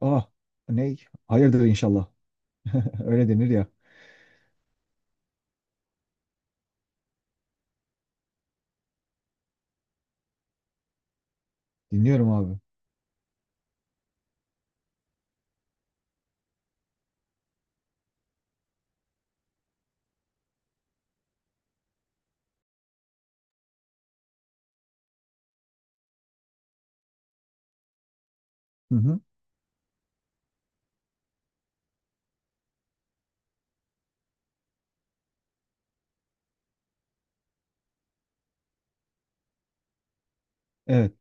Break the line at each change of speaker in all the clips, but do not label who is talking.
Ah, ne? Hayırdır inşallah. Öyle denir ya. Dinliyorum abi. Hı hı. Evet.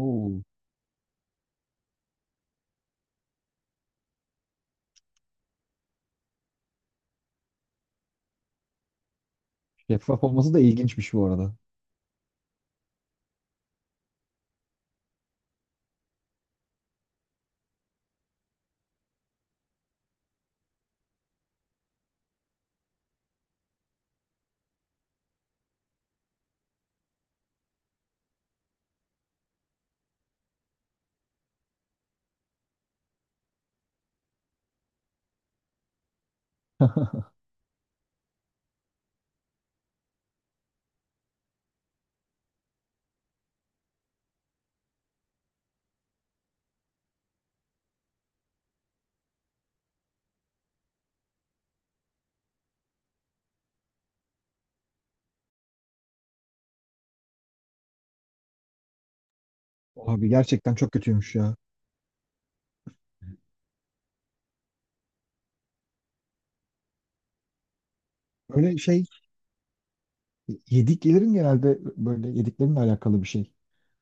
Oo, şeffaf olması da ilginçmiş bu arada. Abi gerçekten çok kötüymüş ya. Böyle şey yediklerin genelde böyle yediklerinle alakalı bir şey.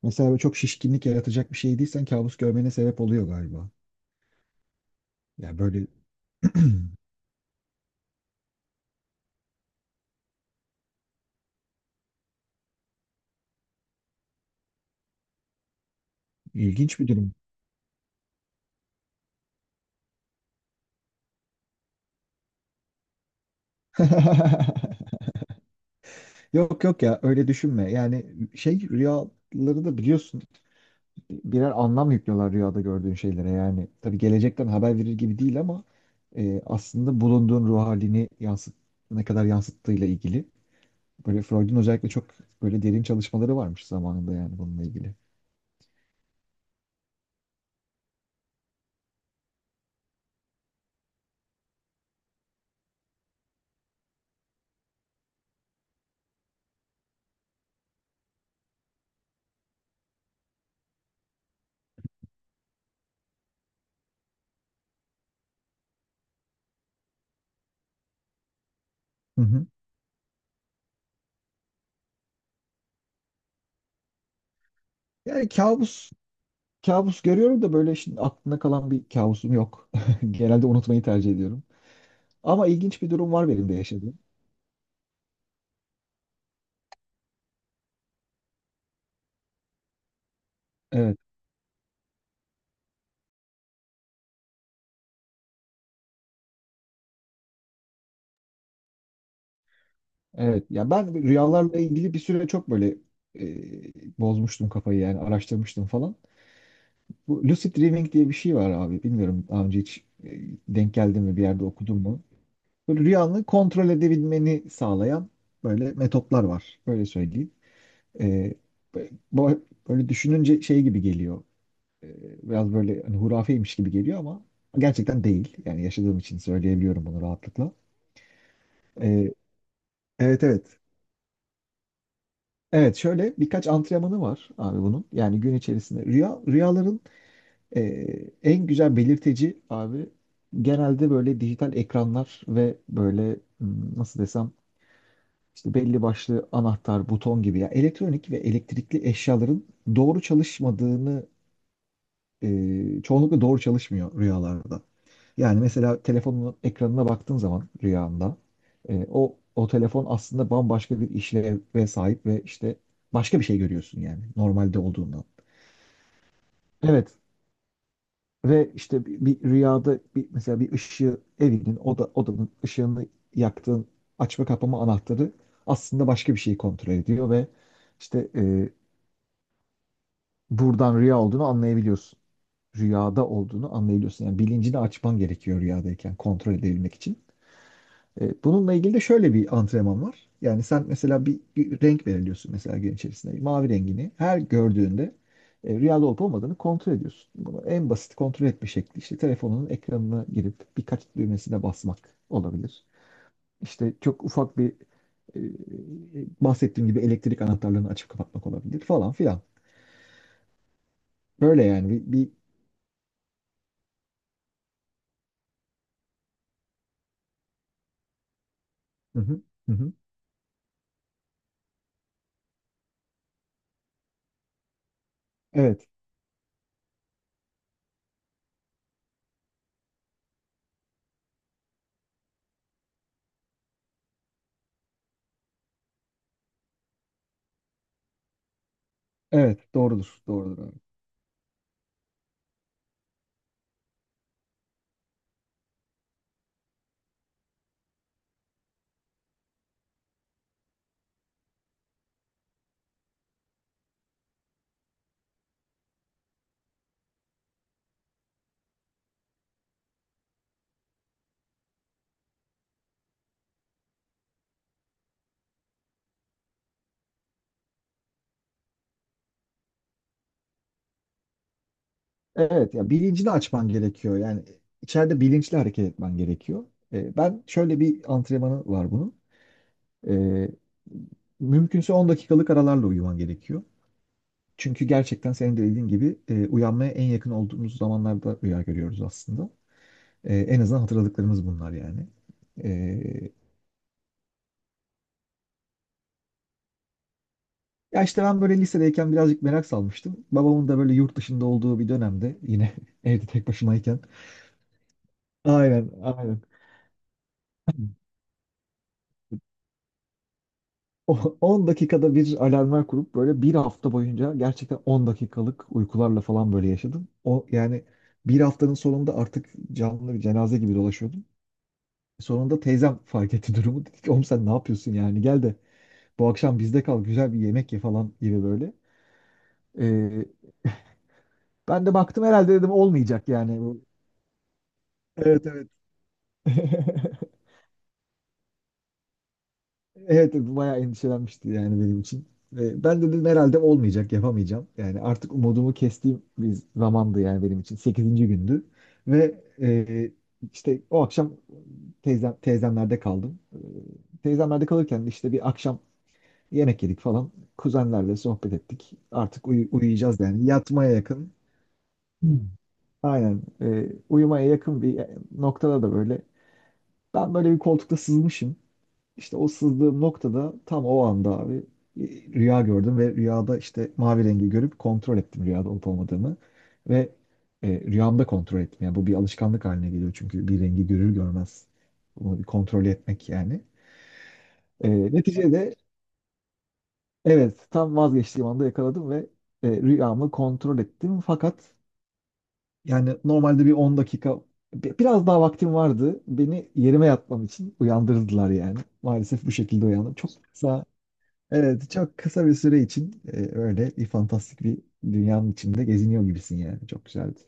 Mesela böyle çok şişkinlik yaratacak bir şey yediysen kabus görmene sebep oluyor galiba. Ya böyle ilginç bir durum. Yok yok ya, öyle düşünme. Yani şey, rüyaları da biliyorsun, birer anlam yüklüyorlar rüyada gördüğün şeylere. Yani tabii gelecekten haber verir gibi değil ama aslında bulunduğun ruh halini yansıt, ne kadar yansıttığıyla ilgili. Böyle Freud'un özellikle çok böyle derin çalışmaları varmış zamanında, yani bununla ilgili. Hı hı. Yani kabus görüyorum da böyle şimdi aklımda kalan bir kabusum yok. Genelde unutmayı tercih ediyorum. Ama ilginç bir durum var benim de yaşadığım. Evet, evet. Ya ben rüyalarla ilgili bir süre çok böyle bozmuştum kafayı, yani araştırmıştım falan. Bu lucid dreaming diye bir şey var abi. Bilmiyorum, daha önce hiç denk geldin mi, bir yerde okudun mu? Böyle rüyanı kontrol edebilmeni sağlayan böyle metotlar var. Böyle söyleyeyim. E, bu- Böyle düşününce şey gibi geliyor. E, Biraz böyle hani hurafeymiş gibi geliyor ama gerçekten değil. Yani yaşadığım için söyleyebiliyorum bunu rahatlıkla. E, evet. Evet, şöyle birkaç antrenmanı var abi bunun. Yani gün içerisinde rüyaların Ee, en güzel belirteci abi genelde böyle dijital ekranlar ve böyle nasıl desem, işte belli başlı anahtar, buton gibi ya elektronik ve elektrikli eşyaların doğru çalışmadığını, çoğunlukla doğru çalışmıyor rüyalarda. Yani mesela telefonun ekranına baktığın zaman rüyanda o telefon aslında bambaşka bir işleve sahip ve işte başka bir şey görüyorsun yani normalde olduğundan. Evet. Ve işte bir rüyada bir, mesela bir ışığı evinin odanın ışığını yaktığın açma kapama anahtarı aslında başka bir şeyi kontrol ediyor ve işte buradan rüya olduğunu anlayabiliyorsun. Rüyada olduğunu anlayabiliyorsun. Yani bilincini açman gerekiyor rüyadayken kontrol edebilmek için. Bununla ilgili de şöyle bir antrenman var. Yani sen mesela bir renk belirliyorsun mesela gün içerisinde. Mavi rengini her gördüğünde rüyada olup olmadığını kontrol ediyorsun. Bunu en basit kontrol etme şekli işte telefonunun ekranına girip birkaç düğmesine basmak olabilir. İşte çok ufak bir e, bahsettiğim gibi elektrik anahtarlarını açıp kapatmak olabilir falan filan. Böyle yani bir... Hı hı, hı hı. Evet, evet, doğrudur, doğrudur abi. Evet, ya bilincini açman gerekiyor. Yani içeride bilinçli hareket etmen gerekiyor. Ben şöyle bir antrenmanı var bunun. Ee, mümkünse 10 dakikalık aralarla uyuman gerekiyor. Çünkü gerçekten senin de dediğin gibi uyanmaya en yakın olduğumuz zamanlarda rüya görüyoruz aslında. En azından hatırladıklarımız bunlar yani. Ee, ya işte ben böyle lisedeyken birazcık merak salmıştım. Babamın da böyle yurt dışında olduğu bir dönemde yine evde tek başımayken. Aynen, aynen. 10 dakikada bir alarmlar kurup böyle bir hafta boyunca gerçekten 10 dakikalık uykularla falan böyle yaşadım. O yani bir haftanın sonunda artık canlı bir cenaze gibi dolaşıyordum. Sonunda teyzem fark etti durumu. Dedi ki oğlum sen ne yapıyorsun yani, gel de bu akşam bizde kal, güzel bir yemek ye falan gibi böyle. Ee, ben de baktım herhalde, dedim olmayacak yani bu. Evet evet. Evet, bayağı endişelenmişti yani benim için. Ve ben dedim herhalde olmayacak, yapamayacağım. Yani artık umudumu kestiğim bir zamandı yani benim için. Sekizinci gündü. Ve işte o akşam teyzemlerde kaldım. E, teyzemlerde kalırken de işte bir akşam yemek yedik falan. Kuzenlerle sohbet ettik. Artık uyuyacağız yani. Yatmaya yakın. Hmm. Aynen. E, uyumaya yakın bir noktada da böyle. Ben böyle bir koltukta sızmışım. İşte o sızdığım noktada tam o anda abi bir rüya gördüm ve rüyada işte mavi rengi görüp kontrol ettim rüyada olup olmadığını ve rüyamda kontrol ettim. Yani bu bir alışkanlık haline geliyor çünkü bir rengi görür görmez bunu bir kontrol etmek yani. Neticede evet, tam vazgeçtiğim anda yakaladım ve rüyamı kontrol ettim fakat yani normalde bir 10 dakika biraz daha vaktim vardı. Beni yerime yatmam için uyandırdılar yani. Maalesef bu şekilde uyandım. Çok kısa. Evet, çok kısa bir süre için öyle bir fantastik bir dünyanın içinde geziniyor gibisin yani. Çok güzeldi.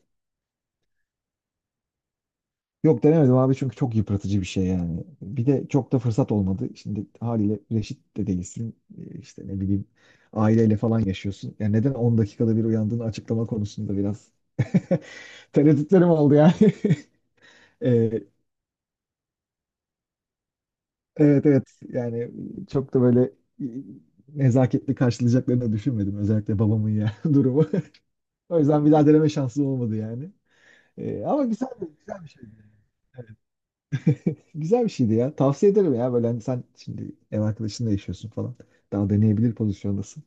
Yok, denemedim abi çünkü çok yıpratıcı bir şey yani. Bir de çok da fırsat olmadı. Şimdi haliyle reşit de değilsin. E, işte ne bileyim aileyle falan yaşıyorsun. Yani neden 10 dakikada bir uyandığını açıklama konusunda biraz tereddütlerim oldu yani. E, evet, yani çok da böyle e, nezaketli karşılayacaklarını da düşünmedim. Özellikle babamın ya durumu. O yüzden bir daha deneme şansım olmadı yani. Ama güzel, güzel bir şeydi. Güzel bir şeydi ya. Tavsiye ederim ya. Böyle hani sen şimdi ev arkadaşınla yaşıyorsun falan. Daha deneyebilir pozisyondasın.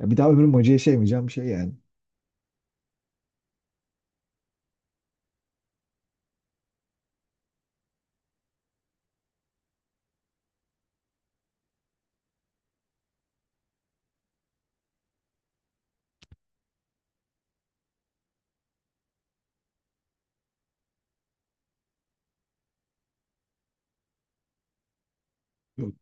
Ya bir daha ömrüm acı yaşayamayacağım bir şey yani. Yok.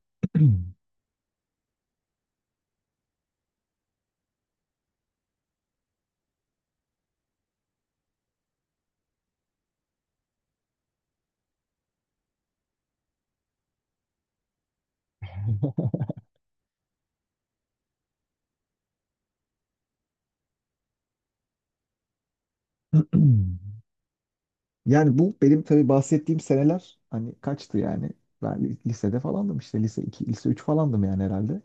Yani bu benim tabii bahsettiğim seneler hani kaçtı yani. Ben lisede falandım, işte lise 2 lise 3 falandım yani herhalde.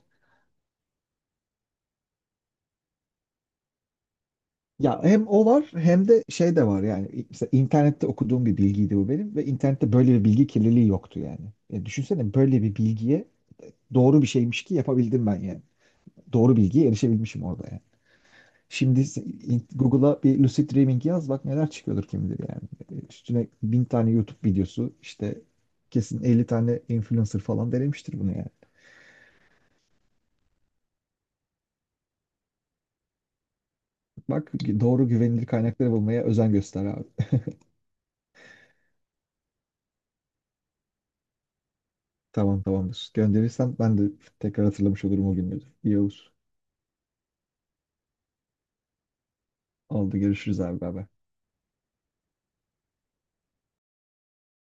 Ya hem o var hem de şey de var yani, mesela internette okuduğum bir bilgiydi bu benim ve internette böyle bir bilgi kirliliği yoktu yani. Ya düşünsene böyle bir bilgiye, doğru bir şeymiş ki yapabildim ben yani. Doğru bilgiye erişebilmişim orada yani. Şimdi Google'a bir lucid dreaming yaz, bak neler çıkıyordur kim bilir yani. Üstüne bin tane YouTube videosu işte kesin 50 tane influencer falan denemiştir bunu yani. Bak, doğru güvenilir kaynakları bulmaya özen göster abi. Tamam, tamamdır. Gönderirsen ben de tekrar hatırlamış olurum o günleri. İyi olur. Oldu, görüşürüz abi baba.